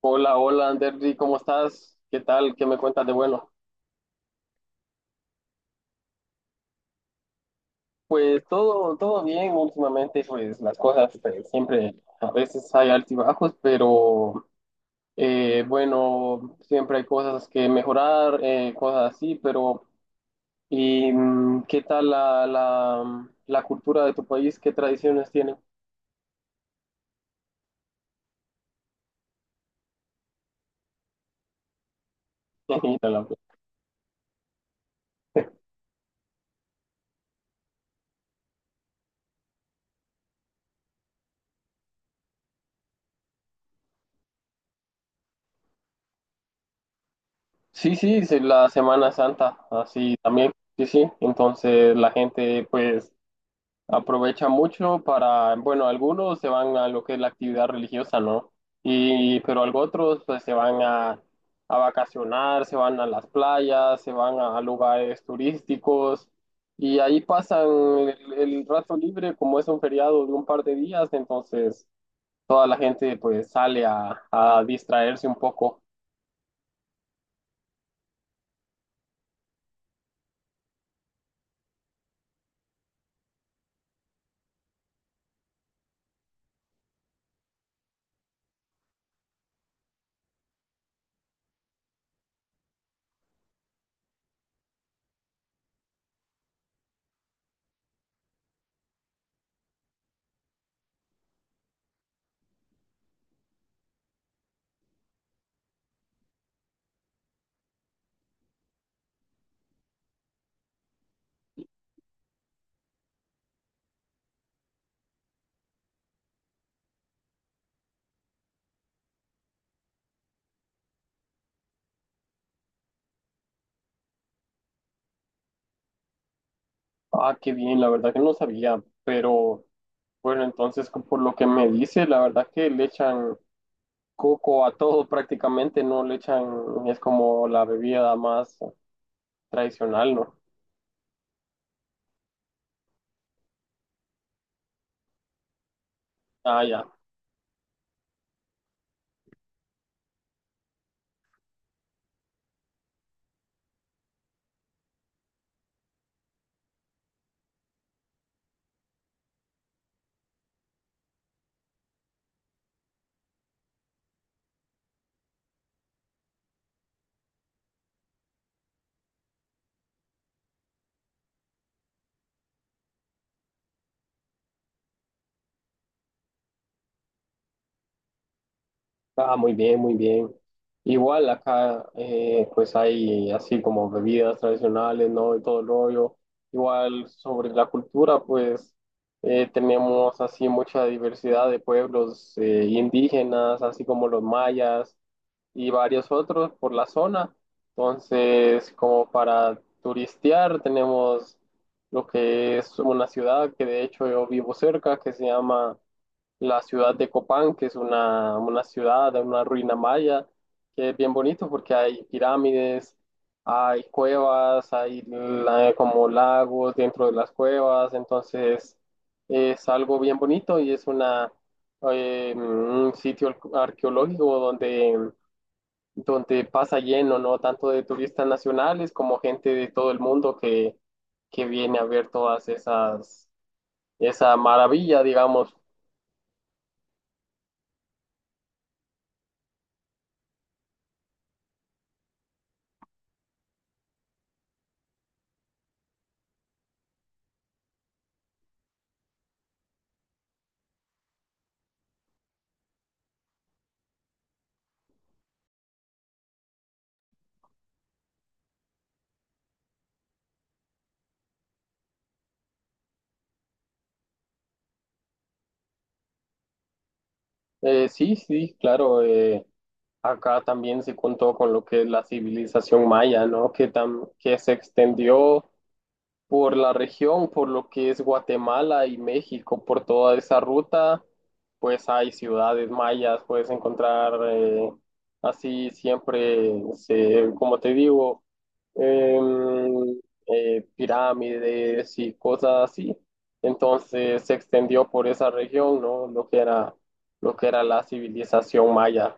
Hola, hola, Anderly, ¿cómo estás? ¿Qué tal? ¿Qué me cuentas de bueno? Pues todo bien últimamente, pues las cosas pues, siempre, a veces hay altibajos, pero bueno, siempre hay cosas que mejorar, cosas así, pero ¿y qué tal la cultura de tu país? ¿Qué tradiciones tienen? Sí, sí, sí, la Semana Santa, así también, sí, sí, entonces la gente pues aprovechan mucho para, bueno, algunos se van a lo que es la actividad religiosa, ¿no? Y, pero algunos otros pues a vacacionar, se van a las playas, se van a lugares turísticos, y ahí pasan el rato libre, como es un feriado de un par de días. Entonces toda la gente pues sale a distraerse un poco. Ah, qué bien, la verdad que no sabía, pero bueno, entonces por lo que me dice, la verdad que le echan coco a todo prácticamente, no le echan, es como la bebida más tradicional, ¿no? Ah, ya. Ah, muy bien, muy bien. Igual acá, pues hay así como bebidas tradicionales, ¿no? Y todo el rollo. Igual sobre la cultura, pues tenemos así mucha diversidad de pueblos indígenas, así como los mayas, y varios otros por la zona. Entonces, como para turistear, tenemos lo que es una ciudad, que de hecho yo vivo cerca, que se llama la ciudad de Copán, que es una ciudad, una ruina maya, que es bien bonito porque hay pirámides, hay cuevas, hay como lagos dentro de las cuevas. Entonces es algo bien bonito y es una, un sitio arqueológico donde pasa lleno, ¿no? Tanto de turistas nacionales como gente de todo el mundo que viene a ver todas esas, esa maravilla, digamos. Sí, sí, claro, acá también se contó con lo que es la civilización maya, ¿no? Que se extendió por la región, por lo que es Guatemala y México, por toda esa ruta. Pues hay ciudades mayas, puedes encontrar así siempre, como te digo, em, pirámides y cosas así. Entonces se extendió por esa región, ¿no? Lo que era la civilización maya.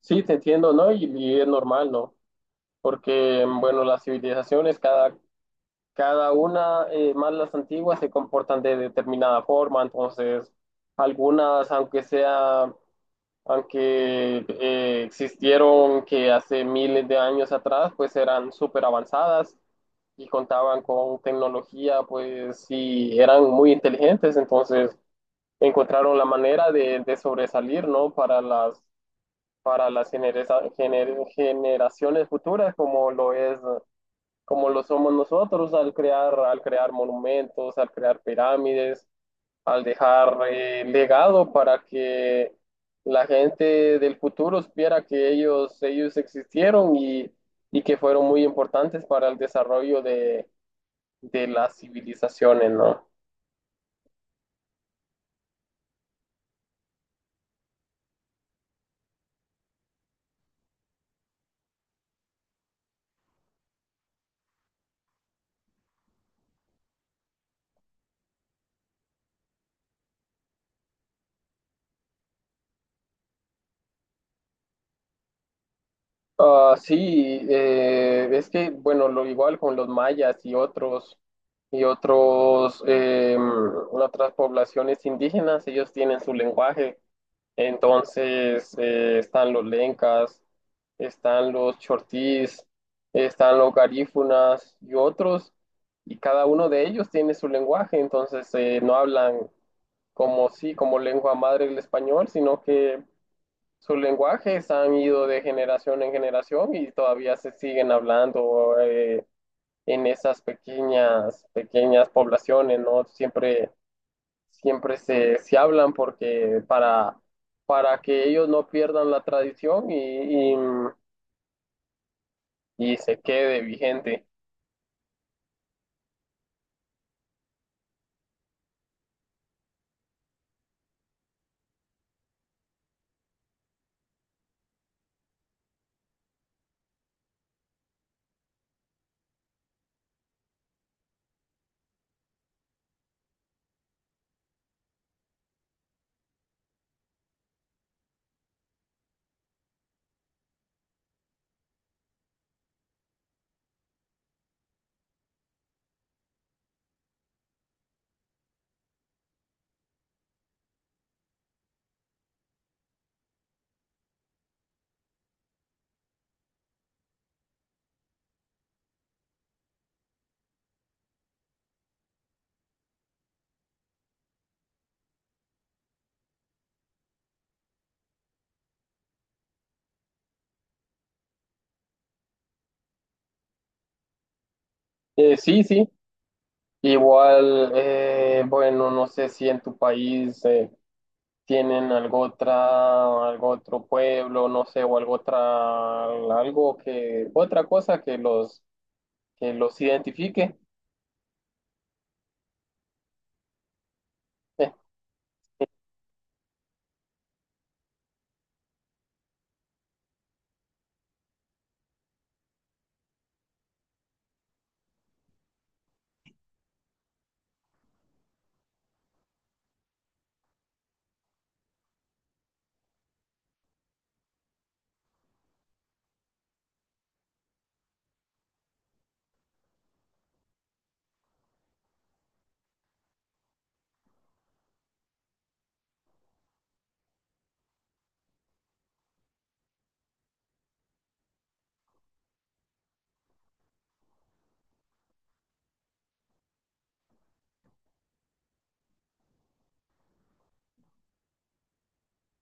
Sí, te entiendo, ¿no? Y es normal, ¿no? Porque, bueno, las civilizaciones, cada una, más las antiguas, se comportan de determinada forma. Entonces algunas, aunque sea, aunque existieron que hace miles de años atrás, pues eran súper avanzadas y contaban con tecnología, pues sí, eran muy inteligentes. Entonces encontraron la manera de sobresalir, ¿no? Para las generaciones futuras, como lo somos nosotros, al crear monumentos, al crear pirámides, al dejar legado para que la gente del futuro supiera que ellos existieron, y que fueron muy importantes para el desarrollo de las civilizaciones, ¿no? Ah, sí, es que, bueno, lo igual con los mayas y otros, otras poblaciones indígenas, ellos tienen su lenguaje. Entonces están los lencas, están los chortís, están los garífunas y otros, y cada uno de ellos tiene su lenguaje. Entonces no hablan como sí, como lengua madre el español, sino que sus lenguajes han ido de generación en generación y todavía se siguen hablando en esas pequeñas poblaciones, ¿no? Siempre se hablan porque para que ellos no pierdan la tradición y se quede vigente. Sí, sí, igual, bueno, no sé si en tu país tienen algo otra, algo otro pueblo, no sé, o algo otra, algo que, otra cosa que los identifique.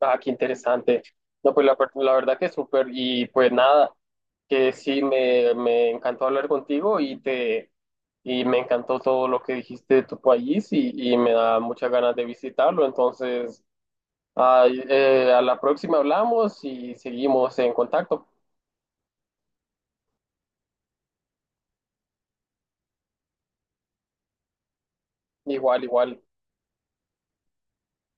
Ah, qué interesante. No, pues la verdad que súper. Y pues nada, que sí, me encantó hablar contigo, y me encantó todo lo que dijiste de tu país, y me da muchas ganas de visitarlo. Entonces, ay, a la próxima hablamos y seguimos en contacto. Igual, igual.